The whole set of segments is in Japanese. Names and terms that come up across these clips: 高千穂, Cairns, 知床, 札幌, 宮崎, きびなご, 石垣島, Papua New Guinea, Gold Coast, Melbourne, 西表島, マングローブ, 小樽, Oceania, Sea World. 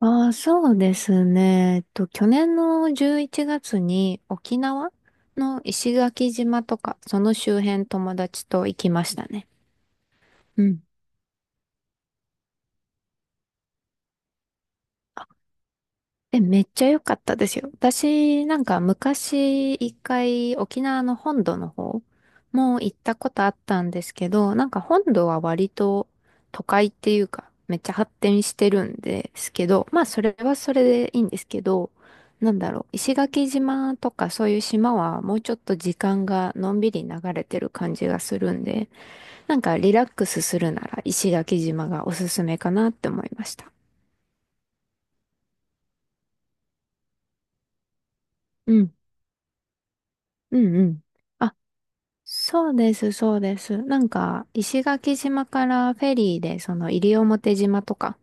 ああ、そうですね。去年の11月に沖縄の石垣島とか、その周辺友達と行きましたね。うん。え、めっちゃ良かったですよ。私、なんか昔一回沖縄の本土の方も行ったことあったんですけど、なんか本土は割と都会っていうか、めっちゃ発展してるんですけど、まあそれはそれでいいんですけど、なんだろう、石垣島とかそういう島はもうちょっと時間がのんびり流れてる感じがするんで、なんかリラックスするなら石垣島がおすすめかなって思いました。うん、うん、うん。そうです、そうです。なんか、石垣島からフェリーで、その西表島とか、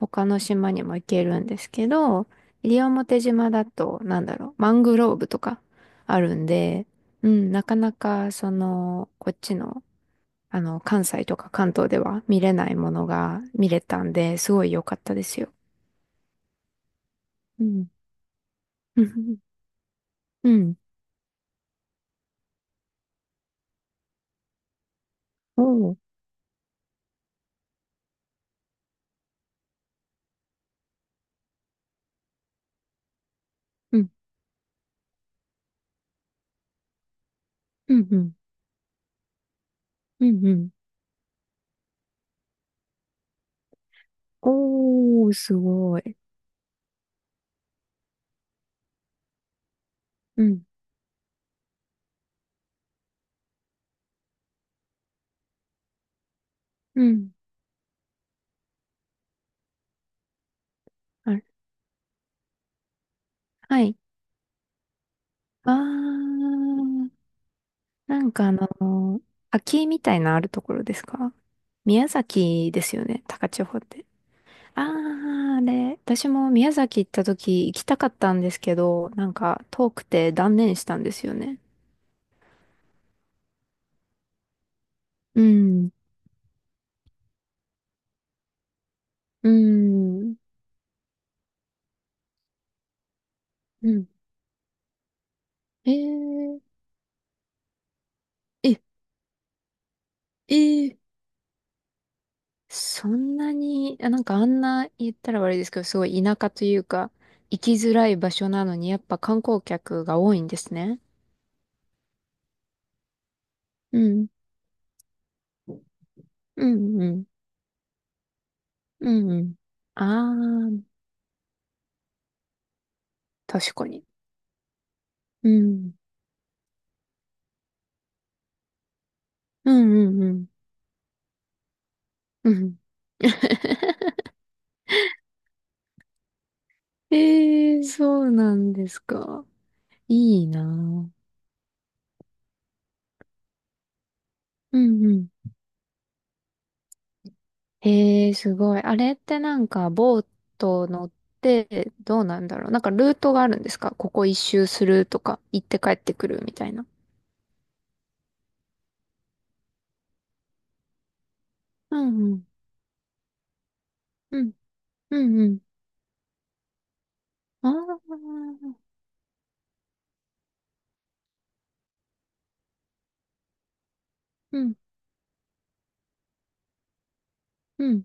他の島にも行けるんですけど、西表島だと、なんだろう、マングローブとかあるんで、うん、なかなか、その、こっちの、関西とか関東では見れないものが見れたんで、すごい良かったですよ。うん。うん。おーうん。うん。うん。うん。うんおー、すごい。うん。うん。あれはい。あー、なんかあの、滝みたいなあるところですか？宮崎ですよね、高千穂って。あー、あれ、私も宮崎行った時行きたかったんですけど、なんか遠くて断念したんですよね。うん、うん、うん。えー、え、えー、そんなに、あなんかあんな言ったら悪いですけど、すごい田舎というか、行きづらい場所なのに、やっぱ観光客が多いんですね。うんうんうん。うんうん。ああ、確かに。うん。うんうんうん。うん。ええーそうなんですか。いいなぁ。うんうん。ええすごい。あれってなんか、ボート乗って、どうなんだろう。なんか、ルートがあるんですか？ここ一周するとか、行って帰ってくるみたいな。うんうん。うん。うんうん。ああ。うん。うん。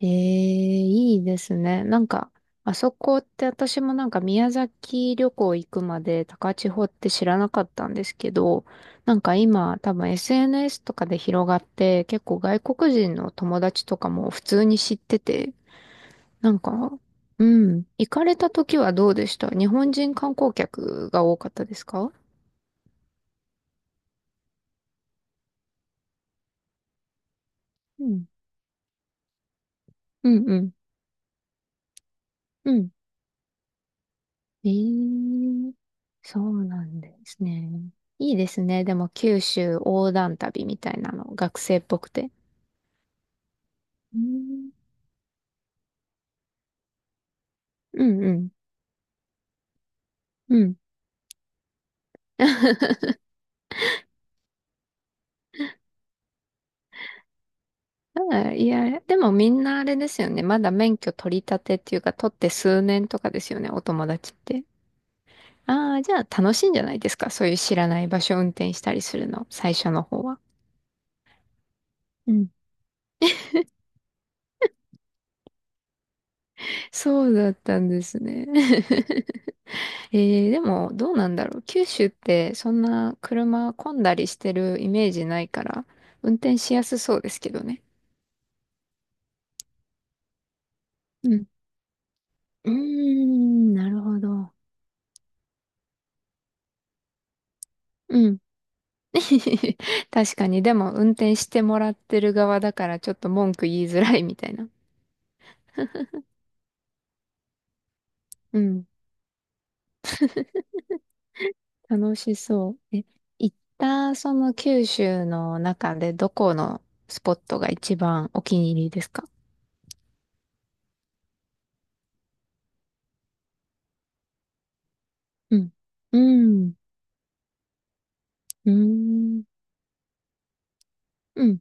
ええいいですね。なんか、あそこって私もなんか宮崎旅行行くまで高千穂って知らなかったんですけど、なんか今多分 SNS とかで広がって結構外国人の友達とかも普通に知ってて、なんか、うん、行かれた時はどうでした？日本人観光客が多かったですか？うん。うんうん。うんええそうなんですね。いいですね。でも、九州横断旅みたいなの、学生っぽくて。うん、うん、うん。うん あいや、でもみんなあれですよね。まだ免許取り立てっていうか、取って数年とかですよね、お友達って。ああ、じゃあ楽しいんじゃないですか？そういう知らない場所を運転したりするの、最初の方は。うん。そうだったんですね。えー、でも、どうなんだろう。九州って、そんな車混んだりしてるイメージないから、運転しやすそうですけどね。うん。うーん、なるほど。うん。確かに、でも、運転してもらってる側だから、ちょっと文句言いづらいみたいな。うん。楽しそう。え、行った、その九州の中で、どこのスポットが一番お気に入りですか？うん。うん。うーん。うん。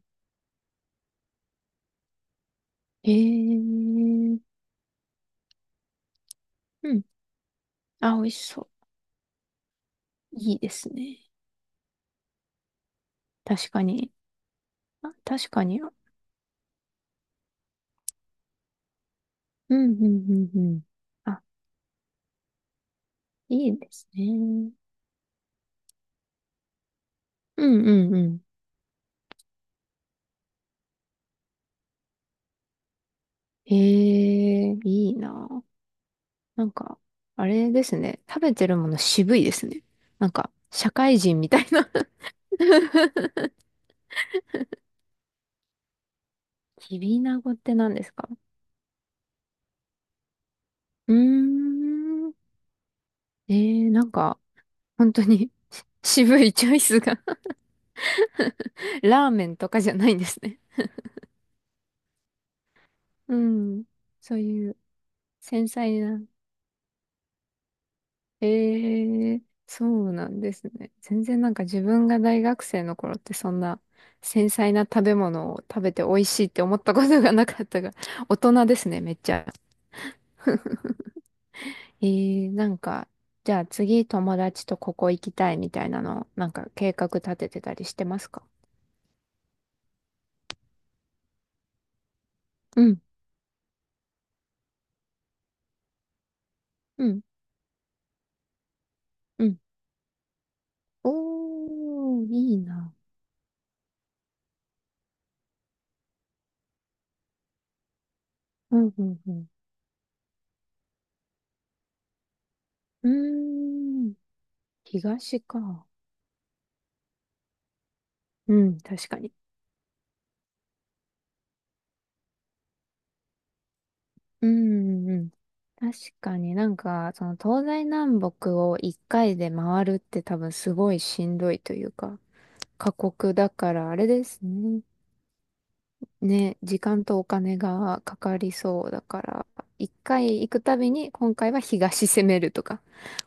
へえ。うん。あ、美味しそう。いいですね。確かに。あ、確かに。うんうんうんうん。あ、いいですね。うんうんうん。へえ、いいな。なんか、あれですね。食べてるもの渋いですね。なんか、社会人みたいな きびなごって何ですか？うーん。えー、なんか、本当に 渋いチョイスが ラーメンとかじゃないんですね。うん。そういう繊細な。ええそうなんですね。全然なんか自分が大学生の頃ってそんな繊細な食べ物を食べて美味しいって思ったことがなかったが、大人ですね、めっちゃ。ええなんか、じゃあ次友達とここ行きたいみたいなの、なんか計画立ててたりしてますか？うん、うん、うん。おー、いいな。うん、うん、うん。うーん、東か。うん、確かに。うんうん。確かになんか、その東西南北を一回で回るって多分すごいしんどいというか、過酷だからあれですね。ね、時間とお金がかかりそうだから、一回行くたびに今回は東攻めるとか、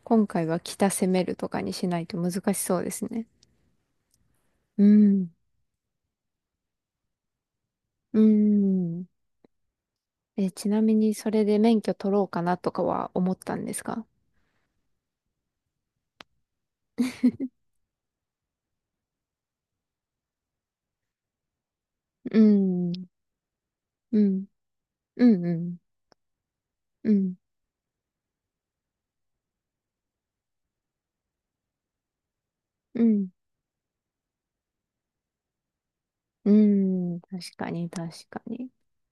今回は北攻めるとかにしないと難しそうですね。うん。うん。え、ちなみにそれで免許取ろうかなとかは思ったんですか？うん。うん。うんうん。うんうん。うん。確かに、確かに。し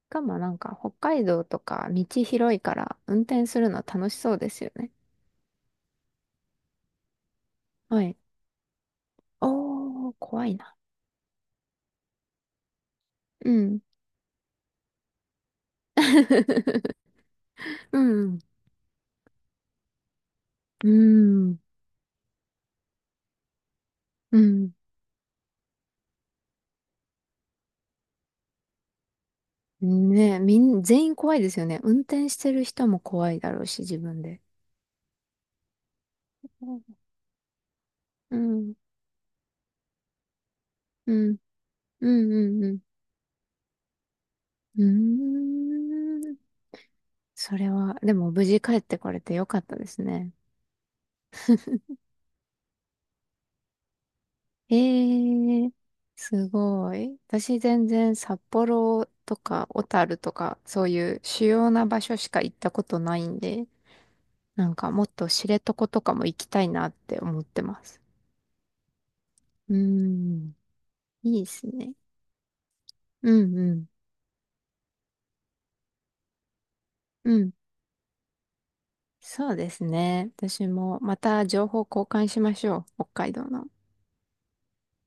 かもなんか、北海道とか道広いから、運転するの楽しそうですよね。はい。おー、怖いな。うん。うん。うん。うん。ねえ、みん、全員怖いですよね。運転してる人も怖いだろうし、自分で。うん。うん。うん。うん。うん。うーんそれは、でも無事帰ってこれてよかったですね。ええすごい。私全然札幌とか小樽とかそういう主要な場所しか行ったことないんで、なんかもっと知床とかも行きたいなって思ってます。うーん、いいですね。うんうん、うん。そうですね。私もまた情報交換しましょう。北海道の。